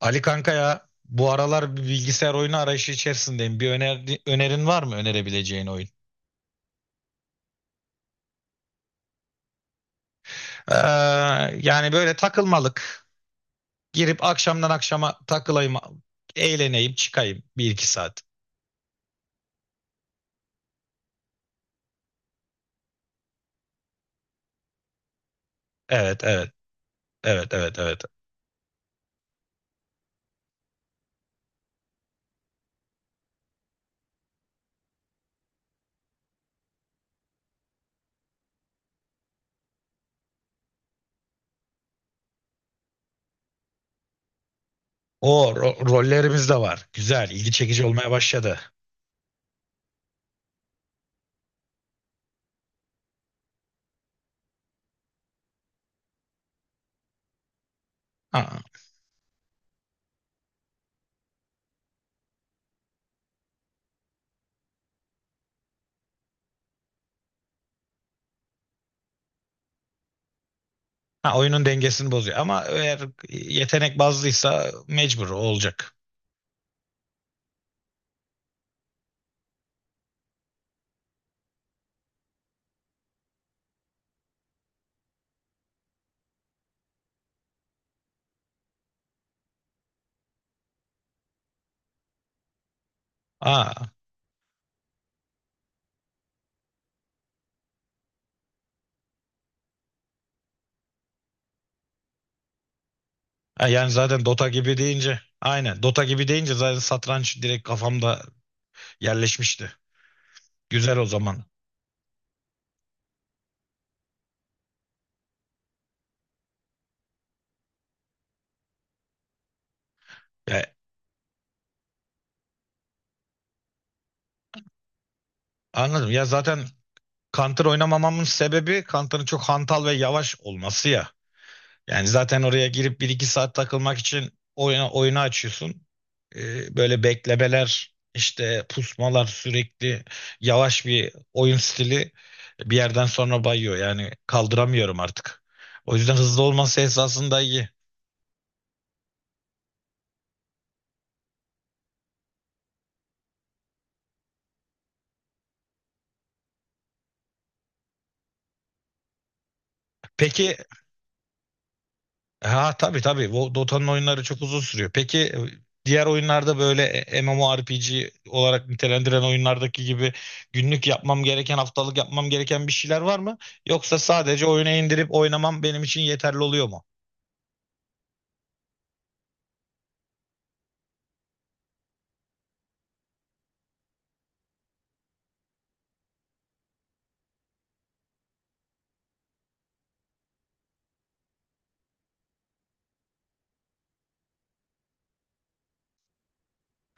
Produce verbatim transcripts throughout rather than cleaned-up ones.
Ali kanka ya bu aralar bir bilgisayar oyunu arayışı içerisindeyim. Bir önerdi, önerin var mı önerebileceğin oyun? Ee, Yani böyle takılmalık. Girip akşamdan akşama takılayım, eğleneyim, çıkayım bir iki saat. Evet, evet, evet, evet, evet. O ro- rollerimiz de var. Güzel, ilgi çekici olmaya başladı. Ha, ha, Oyunun dengesini bozuyor ama eğer yetenek bazlıysa mecbur olacak. Ha, ha, Yani zaten Dota gibi deyince aynen. Dota gibi deyince zaten satranç direkt kafamda yerleşmişti. Güzel o zaman. Ya, Anladım. Ya zaten Counter oynamamamın sebebi Counter'ın çok hantal ve yavaş olması ya. Yani zaten oraya girip bir iki saat takılmak için oyunu, oyunu açıyorsun. Ee, böyle beklemeler, işte pusmalar sürekli yavaş bir oyun stili bir yerden sonra bayıyor. Yani kaldıramıyorum artık. O yüzden hızlı olması esasında iyi. Peki, ha tabii tabii. Wo- Dota'nın oyunları çok uzun sürüyor. Peki, e, diğer oyunlarda böyle, e, MMORPG olarak nitelendiren oyunlardaki gibi günlük yapmam gereken, haftalık yapmam gereken bir şeyler var mı? Yoksa sadece oyuna indirip oynamam benim için yeterli oluyor mu?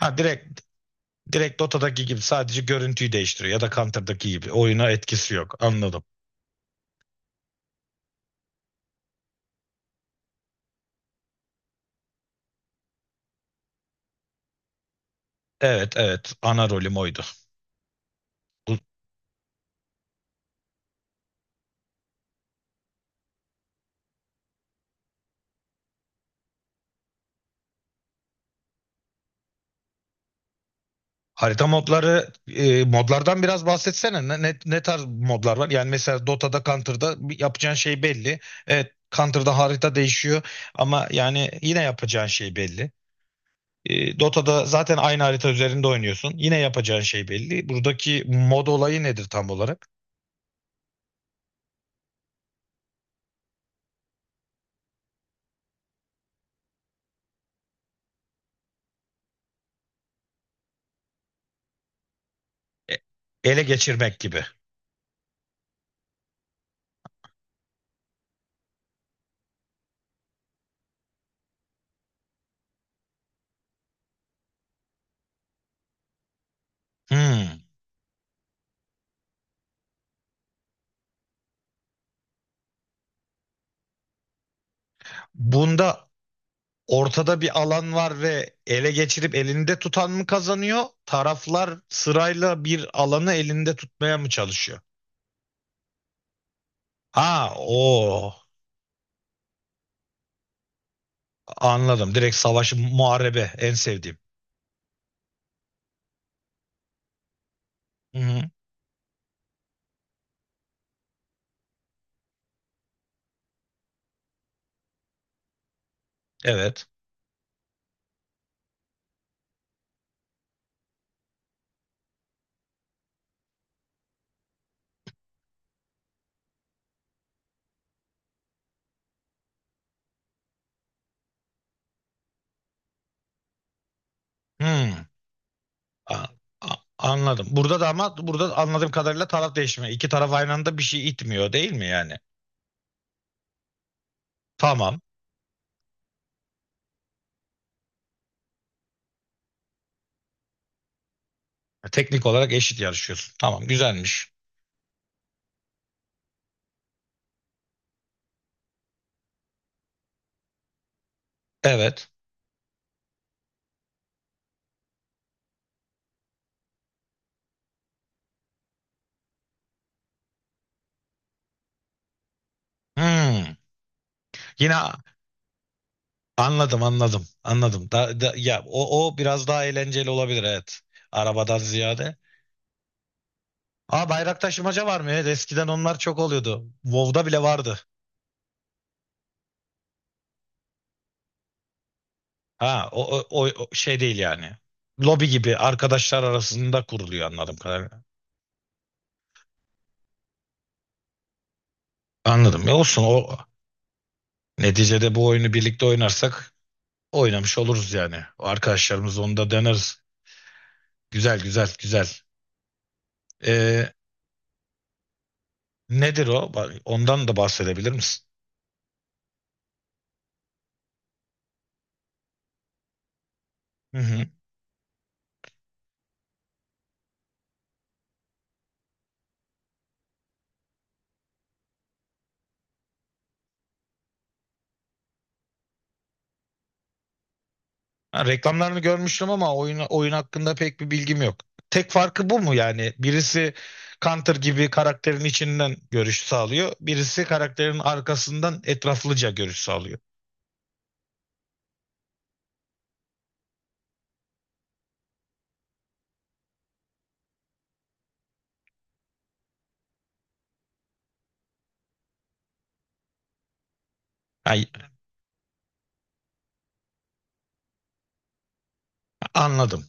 Ha direkt, direkt Dota'daki gibi sadece görüntüyü değiştiriyor ya da Counter'daki gibi oyuna etkisi yok. Anladım. Evet evet, ana rolüm oydu. Bu harita modları, e, modlardan biraz bahsetsene. Ne, ne, ne tarz modlar var? Yani mesela Dota'da, Counter'da bir yapacağın şey belli. Evet, Counter'da harita değişiyor ama yani yine yapacağın şey belli. E, Dota'da zaten aynı harita üzerinde oynuyorsun. Yine yapacağın şey belli. Buradaki mod olayı nedir tam olarak? E, Ele geçirmek gibi. Hmm. Bunda ortada bir alan var ve ele geçirip elinde tutan mı kazanıyor? Taraflar sırayla bir alanı elinde tutmaya mı çalışıyor? Ha o Anladım. Direkt savaşı muharebe en sevdiğim. Hı hı. Evet. Hı. A- a- Anladım. Burada da, ama burada anladığım kadarıyla taraf değişimi. İki taraf aynı anda bir şey itmiyor değil mi yani? Tamam. Teknik olarak eşit yarışıyorsun. Tamam, güzelmiş. Evet. Hı. Yine a- Anladım, anladım, anladım. Da, da- ya o, o biraz daha eğlenceli olabilir, evet. Arabadan ziyade. Aa, bayrak taşımaca var mı? Evet, eskiden onlar çok oluyordu. WoW'da bile vardı. Ha o, o, o o şey değil yani. Lobi gibi arkadaşlar arasında kuruluyor anladım kadarıyla. Anladım. Ya olsun, o neticede bu oyunu birlikte oynarsak oynamış oluruz yani. O arkadaşlarımız, onu da deneriz. Güzel, güzel, güzel. Ee, Nedir o? Ba- Ondan da bahsedebilir misin? Hı hı. Ha, reklamlarını görmüştüm ama oyun, oyun hakkında pek bir bilgim yok. Tek farkı bu mu yani? Birisi Counter gibi karakterin içinden görüş sağlıyor. Birisi karakterin arkasından etraflıca görüş sağlıyor. Ay, Anladım.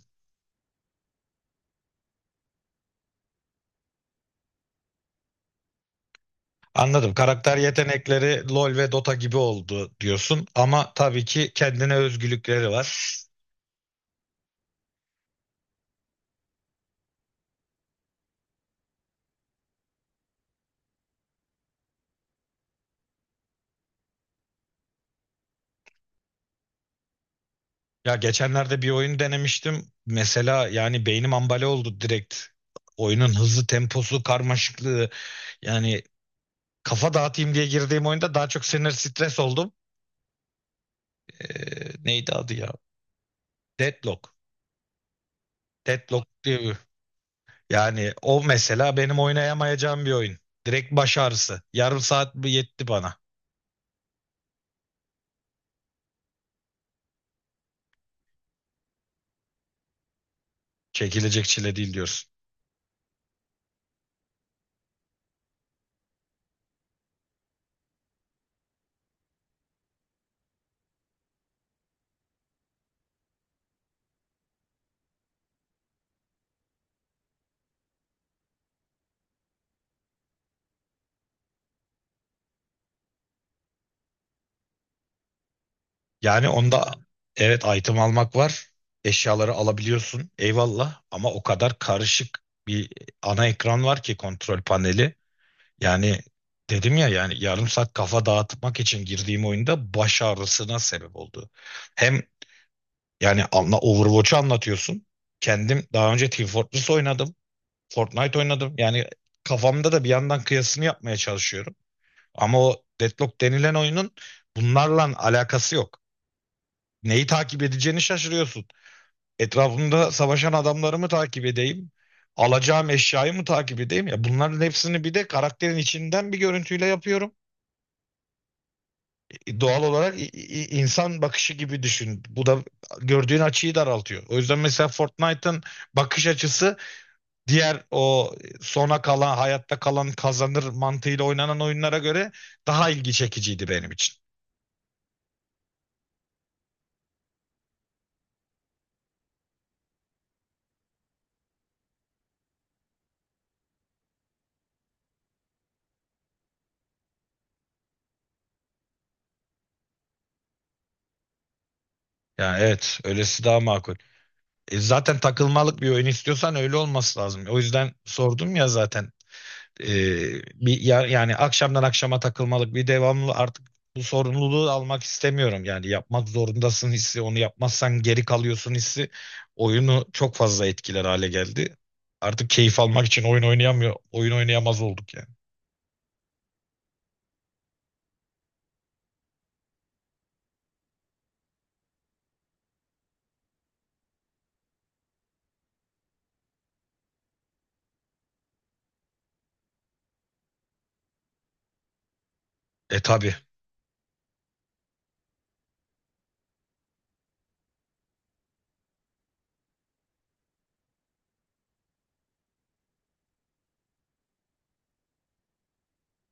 Anladım. Karakter yetenekleri LoL ve Dota gibi oldu diyorsun ama tabii ki kendine özgülükleri var. Ya geçenlerde bir oyun denemiştim. Mesela yani beynim ambale oldu direkt. Oyunun hızı, temposu, karmaşıklığı. Yani kafa dağıtayım diye girdiğim oyunda daha çok sinir stres oldum. Ee, neydi adı ya? Deadlock. Deadlock diye bir. Yani o mesela benim oynayamayacağım bir oyun. Direkt baş ağrısı. Yarım saat mi yetti bana. Çekilecek çile değil diyorsun. Yani onda evet, item almak var. Eşyaları alabiliyorsun. Eyvallah, ama o kadar karışık bir ana ekran var ki, kontrol paneli. Yani dedim ya, yani yarım saat kafa dağıtmak için girdiğim oyunda baş ağrısına sebep oldu. Hem yani anla, Overwatch'u anlatıyorsun. Kendim daha önce Team Fortress oynadım. Fortnite oynadım. Yani kafamda da bir yandan kıyasını yapmaya çalışıyorum. Ama o Deadlock denilen oyunun bunlarla alakası yok. Neyi takip edeceğini şaşırıyorsun. Etrafımda savaşan adamları mı takip edeyim? Alacağım eşyayı mı takip edeyim? Ya bunların hepsini bir de karakterin içinden bir görüntüyle yapıyorum. E, doğal olarak i- i- insan bakışı gibi düşün. Bu da gördüğün açıyı daraltıyor. O yüzden mesela Fortnite'ın bakış açısı diğer o sona kalan, hayatta kalan kazanır mantığıyla oynanan oyunlara göre daha ilgi çekiciydi benim için. Yani evet, öylesi daha makul. E, zaten takılmalık bir oyun istiyorsan öyle olması lazım. O yüzden sordum ya zaten. E, Bir ya- yani akşamdan akşama takılmalık bir devamlı, artık bu sorumluluğu almak istemiyorum. Yani yapmak zorundasın hissi, onu yapmazsan geri kalıyorsun hissi oyunu çok fazla etkiler hale geldi. Artık keyif almak için oyun oynayamıyor, oyun oynayamaz olduk yani. E tabi.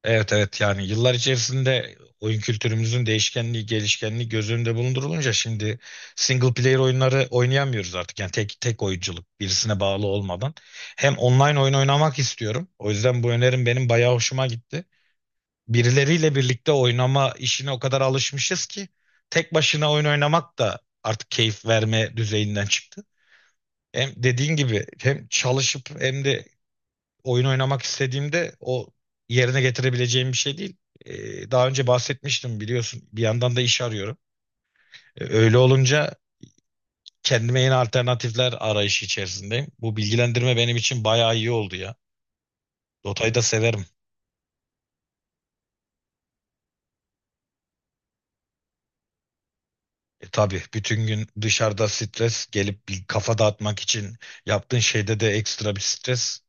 Evet evet, yani yıllar içerisinde oyun kültürümüzün değişkenliği, gelişkenliği göz önünde bulundurulunca şimdi single player oyunları oynayamıyoruz artık. Yani tek tek oyunculuk, birisine bağlı olmadan. Hem online oyun oynamak istiyorum. O yüzden bu önerim benim bayağı hoşuma gitti. Birileriyle birlikte oynama işine o kadar alışmışız ki tek başına oyun oynamak da artık keyif verme düzeyinden çıktı. Hem dediğin gibi hem çalışıp hem de oyun oynamak istediğimde o yerine getirebileceğim bir şey değil. Ee, daha önce bahsetmiştim biliyorsun. Bir yandan da iş arıyorum. Ee, öyle olunca kendime yeni alternatifler arayışı içerisindeyim. Bu bilgilendirme benim için bayağı iyi oldu ya. Dota'yı da severim. E, tabii bütün gün dışarıda stres gelip bir kafa dağıtmak için yaptığın şeyde de ekstra bir stres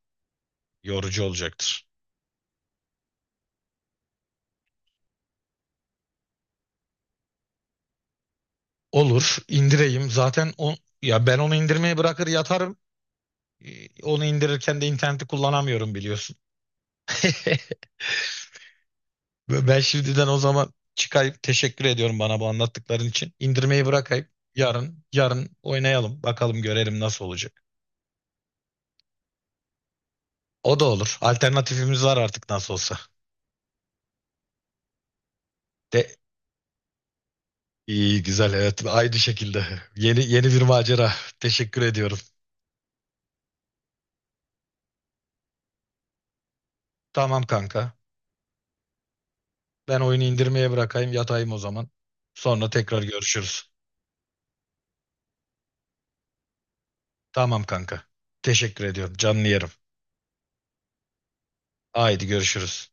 yorucu olacaktır. Olur, indireyim. Zaten o, ya ben onu indirmeye bırakır yatarım. Ee, Onu indirirken de interneti kullanamıyorum biliyorsun. Ben şimdiden o zaman çıkayıp teşekkür ediyorum bana bu anlattıkların için. İndirmeyi bırakayım. Yarın, yarın oynayalım. Bakalım görelim nasıl olacak. O da olur. Alternatifimiz var artık nasıl olsa. De, iyi güzel, evet, aynı şekilde. Yeni yeni bir macera. Teşekkür ediyorum. Tamam kanka. Ben oyunu indirmeye bırakayım, yatayım o zaman. Sonra tekrar görüşürüz. Tamam kanka. Teşekkür ediyorum. Canlı yerim. Haydi görüşürüz.